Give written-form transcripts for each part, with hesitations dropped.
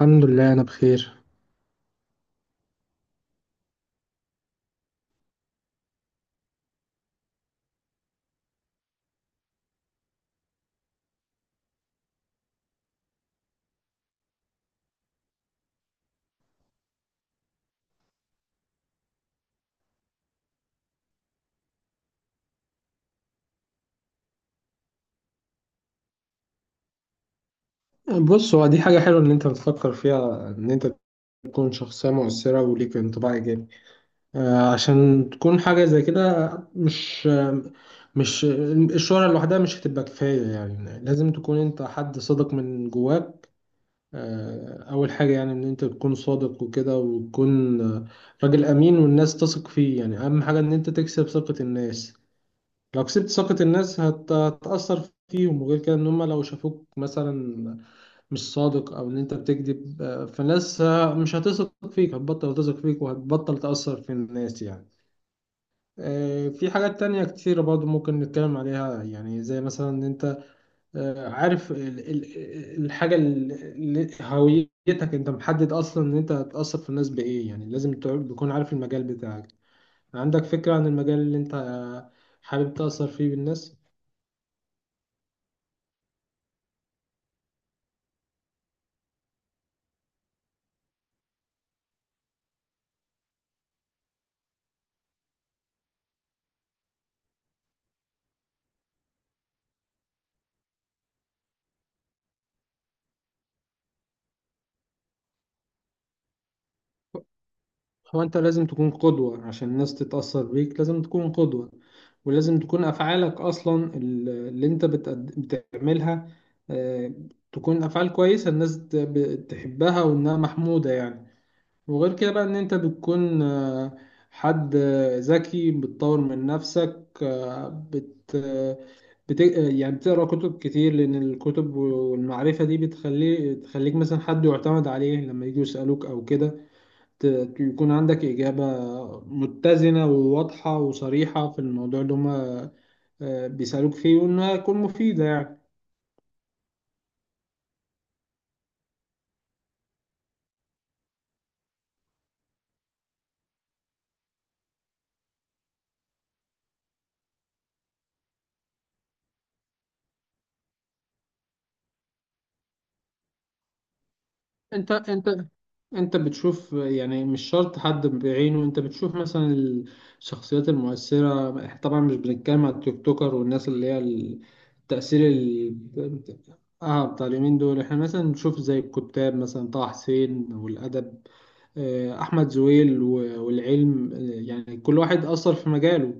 الحمد لله انا بخير. بص، هو دي حاجة حلوة ان انت بتفكر فيها، ان انت تكون شخصية مؤثرة وليك انطباع ايجابي. آه، عشان تكون حاجة زي كده، مش مش الشهرة لوحدها مش هتبقى كفاية، يعني لازم تكون انت حد صادق من جواك. آه، اول حاجة يعني ان انت تكون صادق وكده، وتكون راجل امين والناس تثق فيه. يعني اهم حاجة ان انت تكسب ثقة الناس. لو كسبت ثقة الناس هتأثر فيهم. وغير كده، ان هم لو شافوك مثلا مش صادق او ان انت بتكذب، فالناس مش هتثق فيك، هتبطل تثق فيك وهتبطل تأثر في الناس يعني. في حاجات تانية كتيرة برضو ممكن نتكلم عليها، يعني زي مثلا ان انت عارف الحاجة اللي هويتك انت محدد اصلا ان انت هتأثر في الناس بايه. يعني لازم تكون عارف المجال بتاعك، عندك فكرة عن المجال اللي انت حابب تأثر فيه بالناس. هو انت لازم تكون قدوة عشان الناس تتأثر بيك، لازم تكون قدوة. ولازم تكون أفعالك أصلا اللي انت بتعملها آه، تكون أفعال كويسة الناس تحبها وإنها محمودة يعني. وغير كده بقى، إن انت بتكون حد ذكي، بتطور من نفسك، آه، بت آه، بت يعني بتقرأ كتب كتير، لأن الكتب والمعرفة دي تخليك مثلا حد يعتمد عليه لما يجوا يسألوك أو كده. يكون عندك إجابة متزنة وواضحة وصريحة في الموضوع اللي هما بيسألوك فيه، وإنها تكون مفيدة يعني. أنت أنت أنت بتشوف، يعني مش شرط حد بعينه. أنت بتشوف مثلا الشخصيات المؤثرة. طبعا مش بنتكلم على التيك توكر والناس اللي هي التأثير ال- اه بتاع اليومين دول. احنا مثلا نشوف زي الكتاب، مثلا طه حسين والأدب، أحمد زويل والعلم. يعني كل واحد أثر في مجاله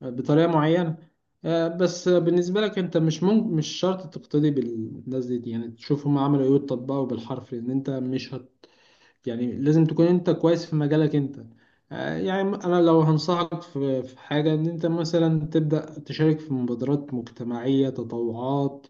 بطريقة معينة. بس بالنسبة لك انت مش ممكن، مش شرط تقتدي بالناس دي، يعني تشوف هم عملوا ايه وتطبقه بالحرف، لان انت مش هت يعني لازم تكون انت كويس في مجالك انت. يعني انا لو هنصحك في حاجة، ان انت مثلا تبدأ تشارك في مبادرات مجتمعية، تطوعات.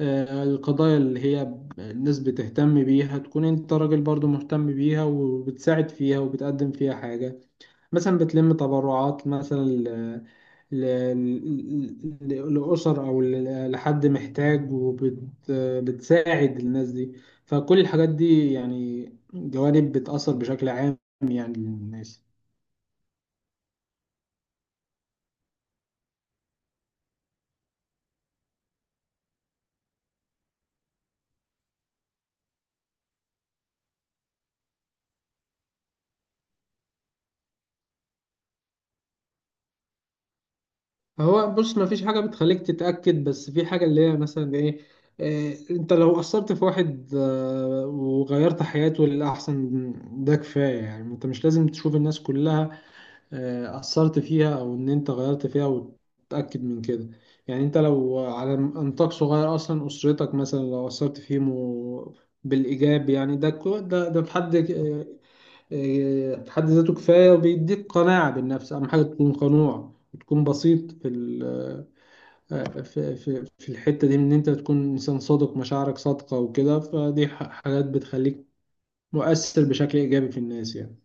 القضايا اللي هي الناس بتهتم بيها تكون انت راجل برضو مهتم بيها وبتساعد فيها وبتقدم فيها حاجة، مثلا بتلم تبرعات مثلا ل- لأسر أو لحد محتاج وبتساعد الناس دي. فكل الحاجات دي يعني جوانب بتأثر بشكل عام يعني للناس. هو بص، ما فيش حاجة بتخليك تتأكد، بس في حاجة اللي هي مثلا إيه إيه، أنت لو أثرت في واحد وغيرت حياته للأحسن، ده كفاية. يعني أنت مش لازم تشوف الناس كلها أثرت فيها أو إن أنت غيرت فيها وتتأكد من كده. يعني أنت لو على نطاق صغير أصلا، أسرتك مثلا لو أثرت فيهم بالإيجاب، يعني ده ده في حد في حد ذاته كفاية، وبيديك قناعة بالنفس. أهم حاجة تكون قنوع وتكون بسيط في ال آه، في في الحتة دي، من إن أنت تكون إنسان صادق، مشاعرك صادقة وكده. فدي حاجات بتخليك مؤثر بشكل إيجابي في الناس يعني.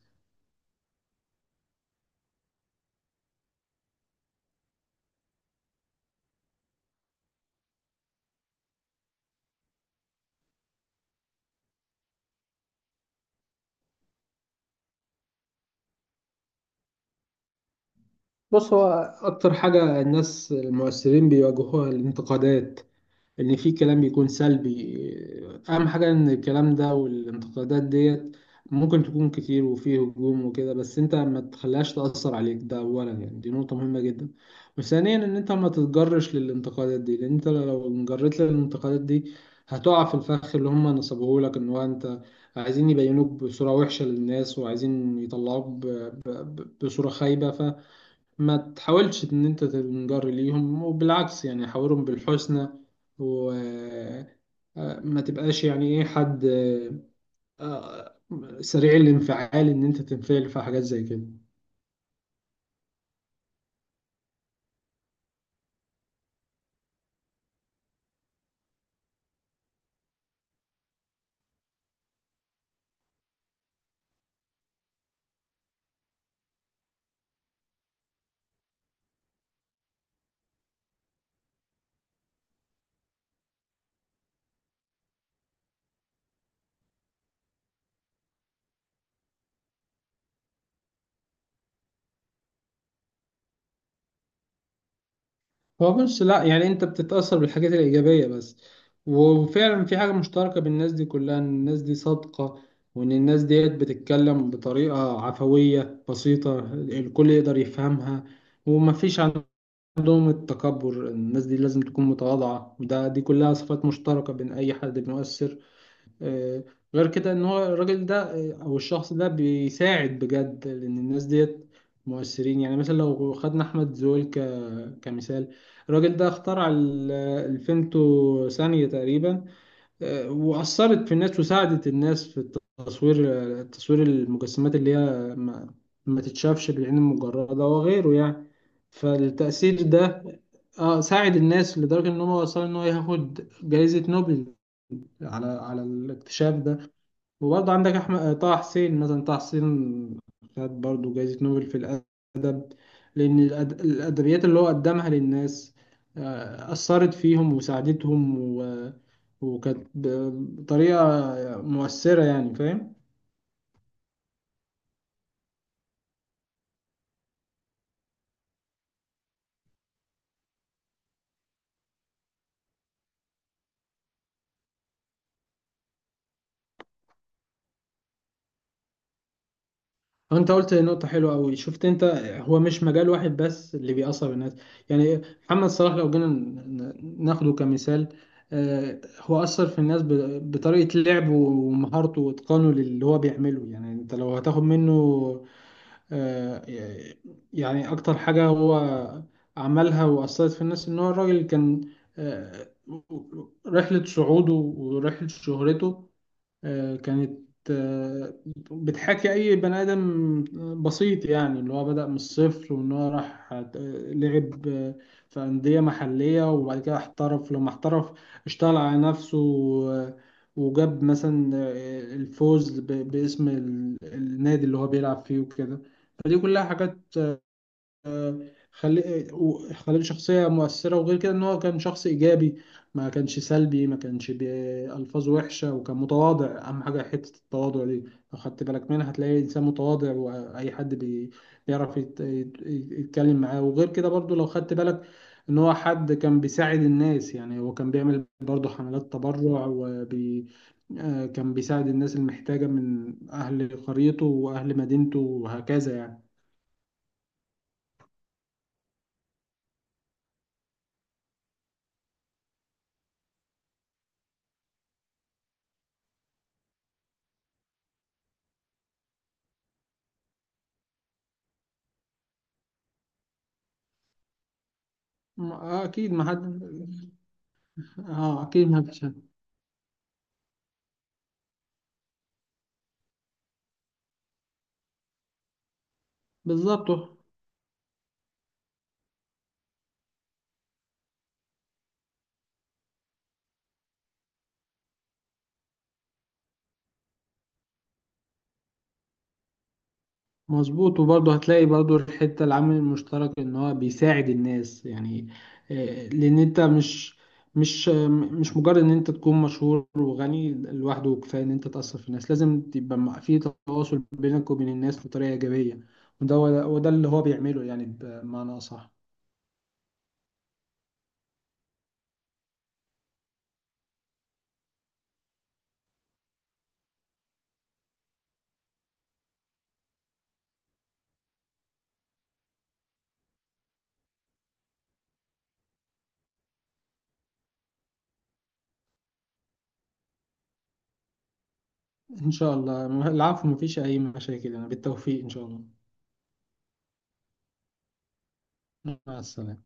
بص هو أكتر حاجة الناس المؤثرين بيواجهوها الانتقادات، إن في كلام بيكون سلبي. أهم حاجة إن الكلام ده والانتقادات ديت ممكن تكون كتير وفيه هجوم وكده، بس أنت ما تخليهاش تأثر عليك. ده أولا، يعني دي نقطة مهمة جدا. وثانيا، إن أنت ما تتجرش للانتقادات دي، لأن أنت لو انجريت للانتقادات دي هتقع في الفخ اللي هم نصبوهولك. إن هو أنت عايزين يبينوك بصورة وحشة للناس، وعايزين يطلعوك بصورة خايبة. ف ما تحاولش ان انت تنجر ليهم، وبالعكس يعني حاورهم بالحسنى. وما تبقاش يعني ايه، حد آه، سريع الانفعال، ان انت تنفعل في حاجات زي كده. هو بص، لا يعني انت بتتأثر بالحاجات الإيجابية بس. وفعلا في حاجة مشتركة بين الناس دي كلها، ان الناس دي صادقة، وان الناس ديت بتتكلم بطريقة عفوية بسيطة الكل يقدر يفهمها. ومفيش عندهم التكبر، الناس دي لازم تكون متواضعة. ده دي كلها صفات مشتركة بين أي حد بيؤثر. آه، غير كده إن هو الراجل ده أو الشخص ده بيساعد بجد، لأن الناس ديت مؤثرين. يعني مثلا لو خدنا أحمد زويل كمثال، الراجل ده اخترع الفيمتو ثانية تقريبا، وأثرت في الناس وساعدت الناس في التصوير، تصوير المجسمات اللي هي ما تتشافش بالعين المجردة وغيره يعني. فالتأثير ده ساعد الناس لدرجة إن هو وصل إن هو ياخد جائزة نوبل على على الاكتشاف ده. وبرضه عندك أحمد طه حسين، مثلا طه حسين خد برضه جايزة نوبل في الأدب، لأن الأدبيات اللي هو قدمها للناس أثرت فيهم وساعدتهم، و... وكانت بطريقة مؤثرة يعني. فاهم؟ انت قلت نقطة حلوة قوي، شفت انت، هو مش مجال واحد بس اللي بيأثر الناس. يعني محمد صلاح لو جينا ناخده كمثال، هو أثر في الناس بطريقة لعبه ومهارته وإتقانه للي هو بيعمله. يعني انت لو هتاخد منه، آه، يعني أكتر حاجة هو عملها وأثرت في الناس ان هو الراجل كان آه، رحلة صعوده ورحلة شهرته كانت آه، بتحكي أي بني آدم بسيط، يعني اللي هو بدأ من الصفر، وإن هو راح لعب في أندية محلية، وبعد كده احترف. لما احترف اشتغل على نفسه آه، وجاب مثلا الفوز باسم النادي اللي هو بيلعب فيه وكده. فدي كلها حاجات خلي خليه شخصية مؤثرة. وغير كده إن هو كان شخص إيجابي، ما كانش سلبي، ما كانش بألفاظ وحشة، وكان متواضع. أهم حاجة حتة التواضع دي، لو خدت بالك منها هتلاقي إنسان متواضع، وأي حد بيعرف يتكلم معاه. وغير كده برضو لو خدت بالك إن هو حد كان بيساعد الناس، يعني هو كان بيعمل برضو حملات تبرع وبي آه، كان بيساعد الناس المحتاجة من أهل قريته وأهل مدينته وهكذا يعني. أكيد ما حد. اه اكيد محدش هيعمل. بالظبط، مظبوط. وبرضه هتلاقي برضه الحته، العامل المشترك ان هو بيساعد الناس يعني. لان انت مش مش مجرد ان انت تكون مشهور وغني لوحده كفايه ان انت تاثر في الناس. لازم تبقى في تواصل بينك وبين الناس بطريقه ايجابيه، وده اللي هو بيعمله يعني بمعنى اصح. ان شاء الله العفو، مفيش اي مشاكل انا، بالتوفيق ان شاء الله. مع السلامه.